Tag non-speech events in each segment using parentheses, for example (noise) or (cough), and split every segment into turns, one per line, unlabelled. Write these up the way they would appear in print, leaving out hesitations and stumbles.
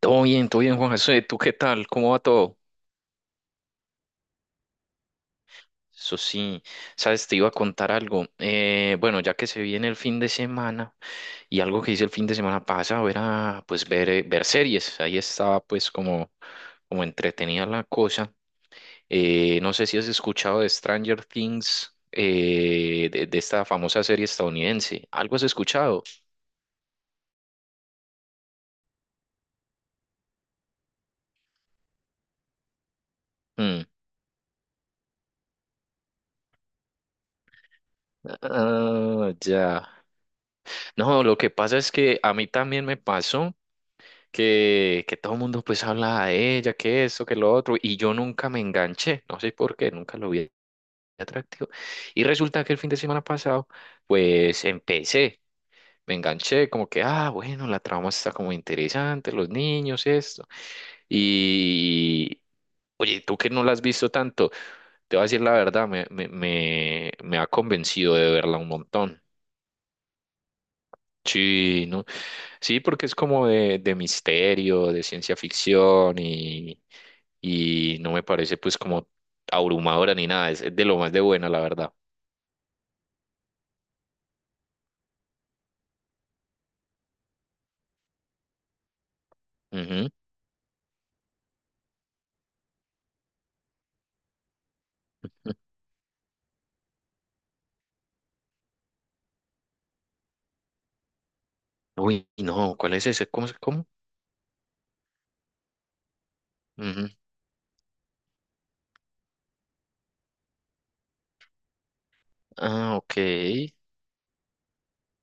Todo bien, Juan José. ¿Tú qué tal? ¿Cómo va todo? Eso sí, sabes, te iba a contar algo. Bueno, ya que se viene el fin de semana y algo que hice el fin de semana pasado era pues ver, ver series. Ahí estaba pues como, como entretenida la cosa. No sé si has escuchado de Stranger Things, de esta famosa serie estadounidense. ¿Algo has escuchado? Mm. Ah, ya. No, lo que pasa es que a mí también me pasó. Que todo el mundo pues habla de ella, que esto, que lo otro, y yo nunca me enganché, no sé por qué, nunca lo vi atractivo. Y resulta que el fin de semana pasado, pues empecé, me enganché, como que, ah, bueno, la trama está como interesante, los niños, esto. Y oye, tú que no la has visto tanto, te voy a decir la verdad, me ha convencido de verla un montón. Sí, no, sí, porque es como de misterio, de ciencia ficción y no me parece pues como abrumadora ni nada, es de lo más de buena, la verdad. Ujú. Uy, no, ¿cuál es ese? ¿Cómo? ¿Cómo? Ujú. Ah, ok.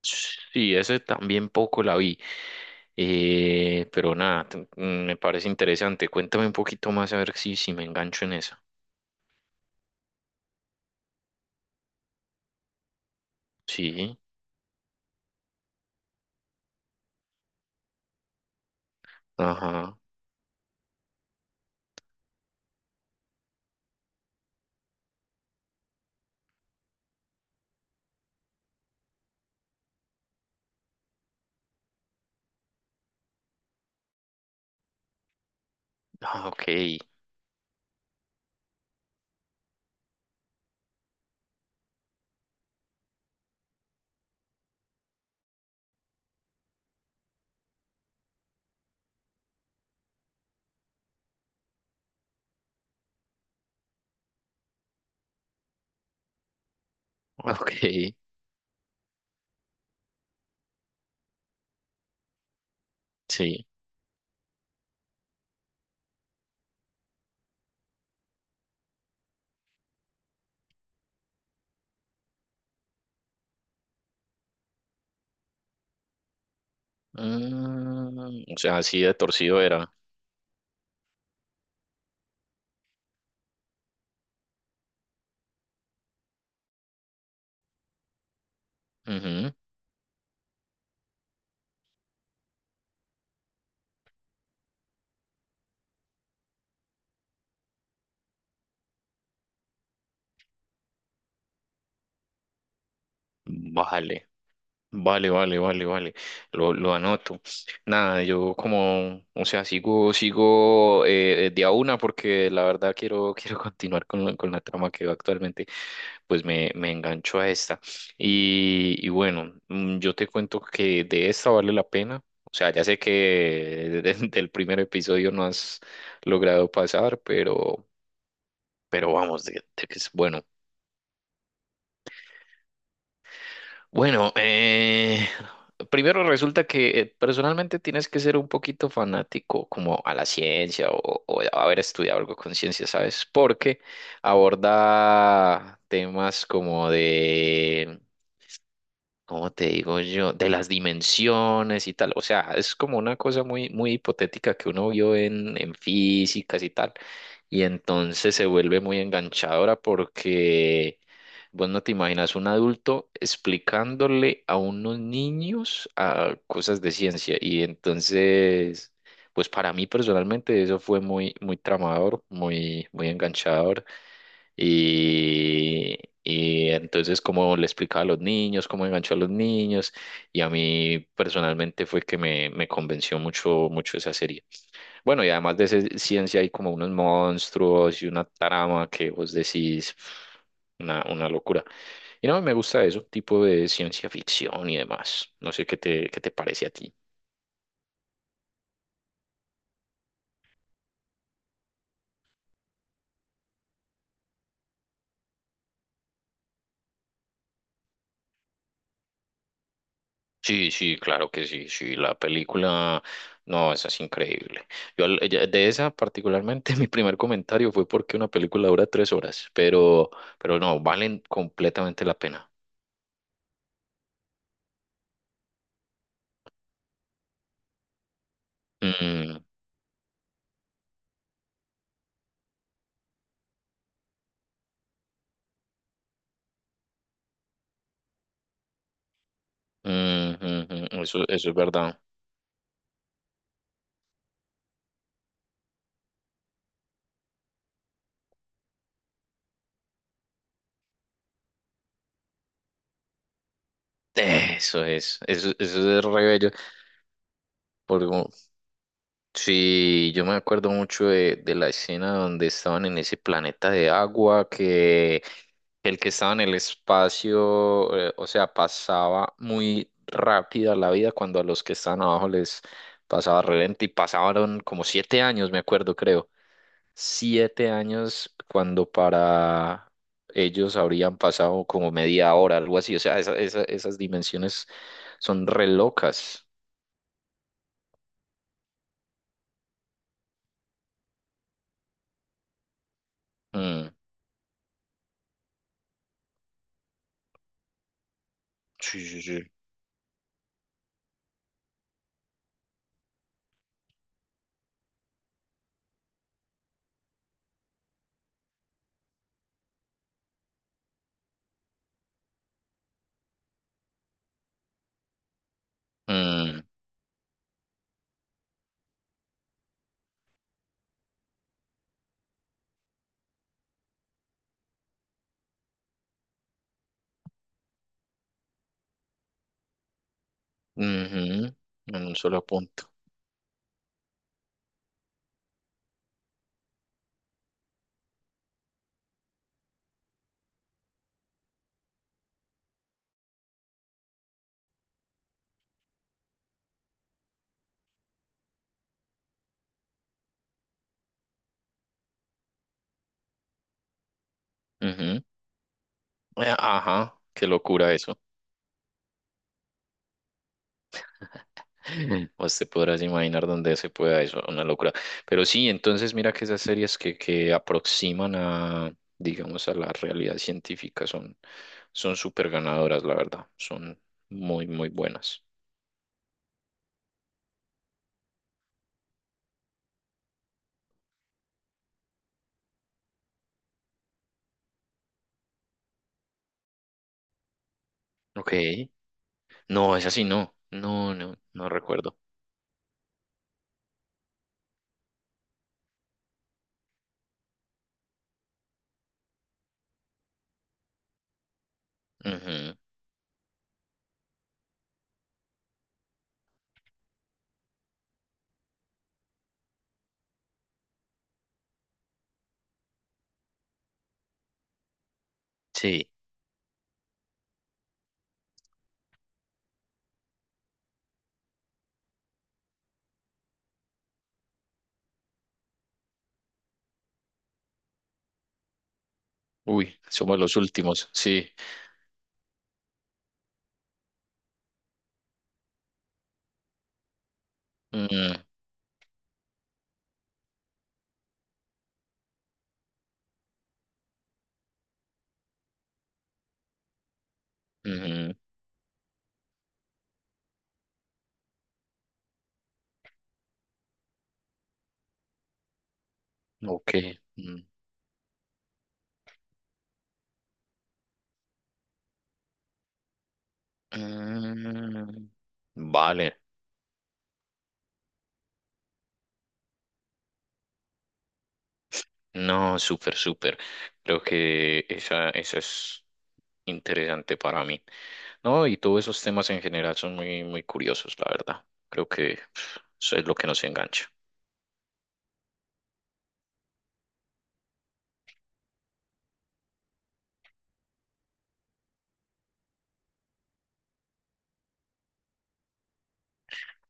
Sí, ese también poco la vi. Pero nada, me parece interesante. Cuéntame un poquito más a ver si, si me engancho en eso. Sí, ajá. Ah, ok, ok, sí. Mm, o sea, así de torcido era. Ujú. Vale, vale, vale, vale, vale. Lo anoto. Nada, yo como, o sea, sigo de a una porque la verdad quiero, (laughs) quiero continuar con, con la trama que actualmente. Pues me engancho a esta. Y bueno, mm, yo te cuento que de esta vale la pena. O sea, ya sé que (laughs) del primer episodio no has logrado pasar, pero vamos, de que es bueno. Bueno, eh, Primero resulta que personalmente tienes que ser un poquito fanático como a la ciencia o haber estudiado algo con ciencia, ¿sabes? Porque aborda temas como de, como te digo yo? De las dimensiones y tal. O sea, es como una cosa muy, muy hipotética que uno vio en físicas y tal. Y entonces se vuelve muy enganchadora porque vos no te imaginas un adulto explicándole a unos niños a cosas de ciencia. Y entonces, pues para mí personalmente eso fue muy, muy tramador, muy, muy enganchador. Y, y entonces como le explicaba a los niños, cómo enganchó a los niños, y a mí personalmente fue que me convenció mucho, mucho esa serie. Bueno, y además de ciencia hay como unos monstruos y una trama que vos decís, (sniffs) una locura. Y no, me gusta eso, tipo de ciencia ficción y demás. No sé qué te parece a ti. Sí, sí, claro que sí, sí, la película, no, esa es increíble. De esa particularmente (laughs) mi primer comentario fue porque una película dura 3 horas, pero no, valen completamente la pena. Mm, mm, mm, mm, eso es verdad. Eso es, eso es re bello. Porque, como- sí, yo me acuerdo mucho de la escena donde estaban en ese planeta de agua que el que estaba en el espacio, o sea, pasaba muy rápida la vida cuando a los que estaban abajo les pasaba re lento y pasaron como 7 años, me acuerdo, creo. 7 años cuando para ellos habrían pasado como media hora, algo así. O sea, esas dimensiones son re locas. Mm. Sí, sí, sí. Mm, ujú, en un solo punto. Ujú. Ajá, qué locura eso. (laughs) Vos te podrás imaginar dónde se pueda eso, una locura. Pero sí, entonces mira que esas series que aproximan a, digamos, a la realidad científica son, son súper ganadoras, la verdad. Son muy, muy buenas. Ok. No, es así, no. No, no, no recuerdo. Ujú. Sí. Uy, somos los últimos. Sí. Mm, ujú. Ok. Mm. Mm. Vale. No, súper, súper. Creo que esa es interesante para mí. No, y todos esos temas en general son muy, muy curiosos, la verdad. Creo que pf, eso es lo que nos engancha.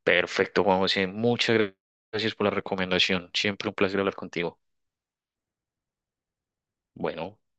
Perfecto, Juan José. Muchas gracias por la recomendación. Siempre un placer hablar contigo. Bueno.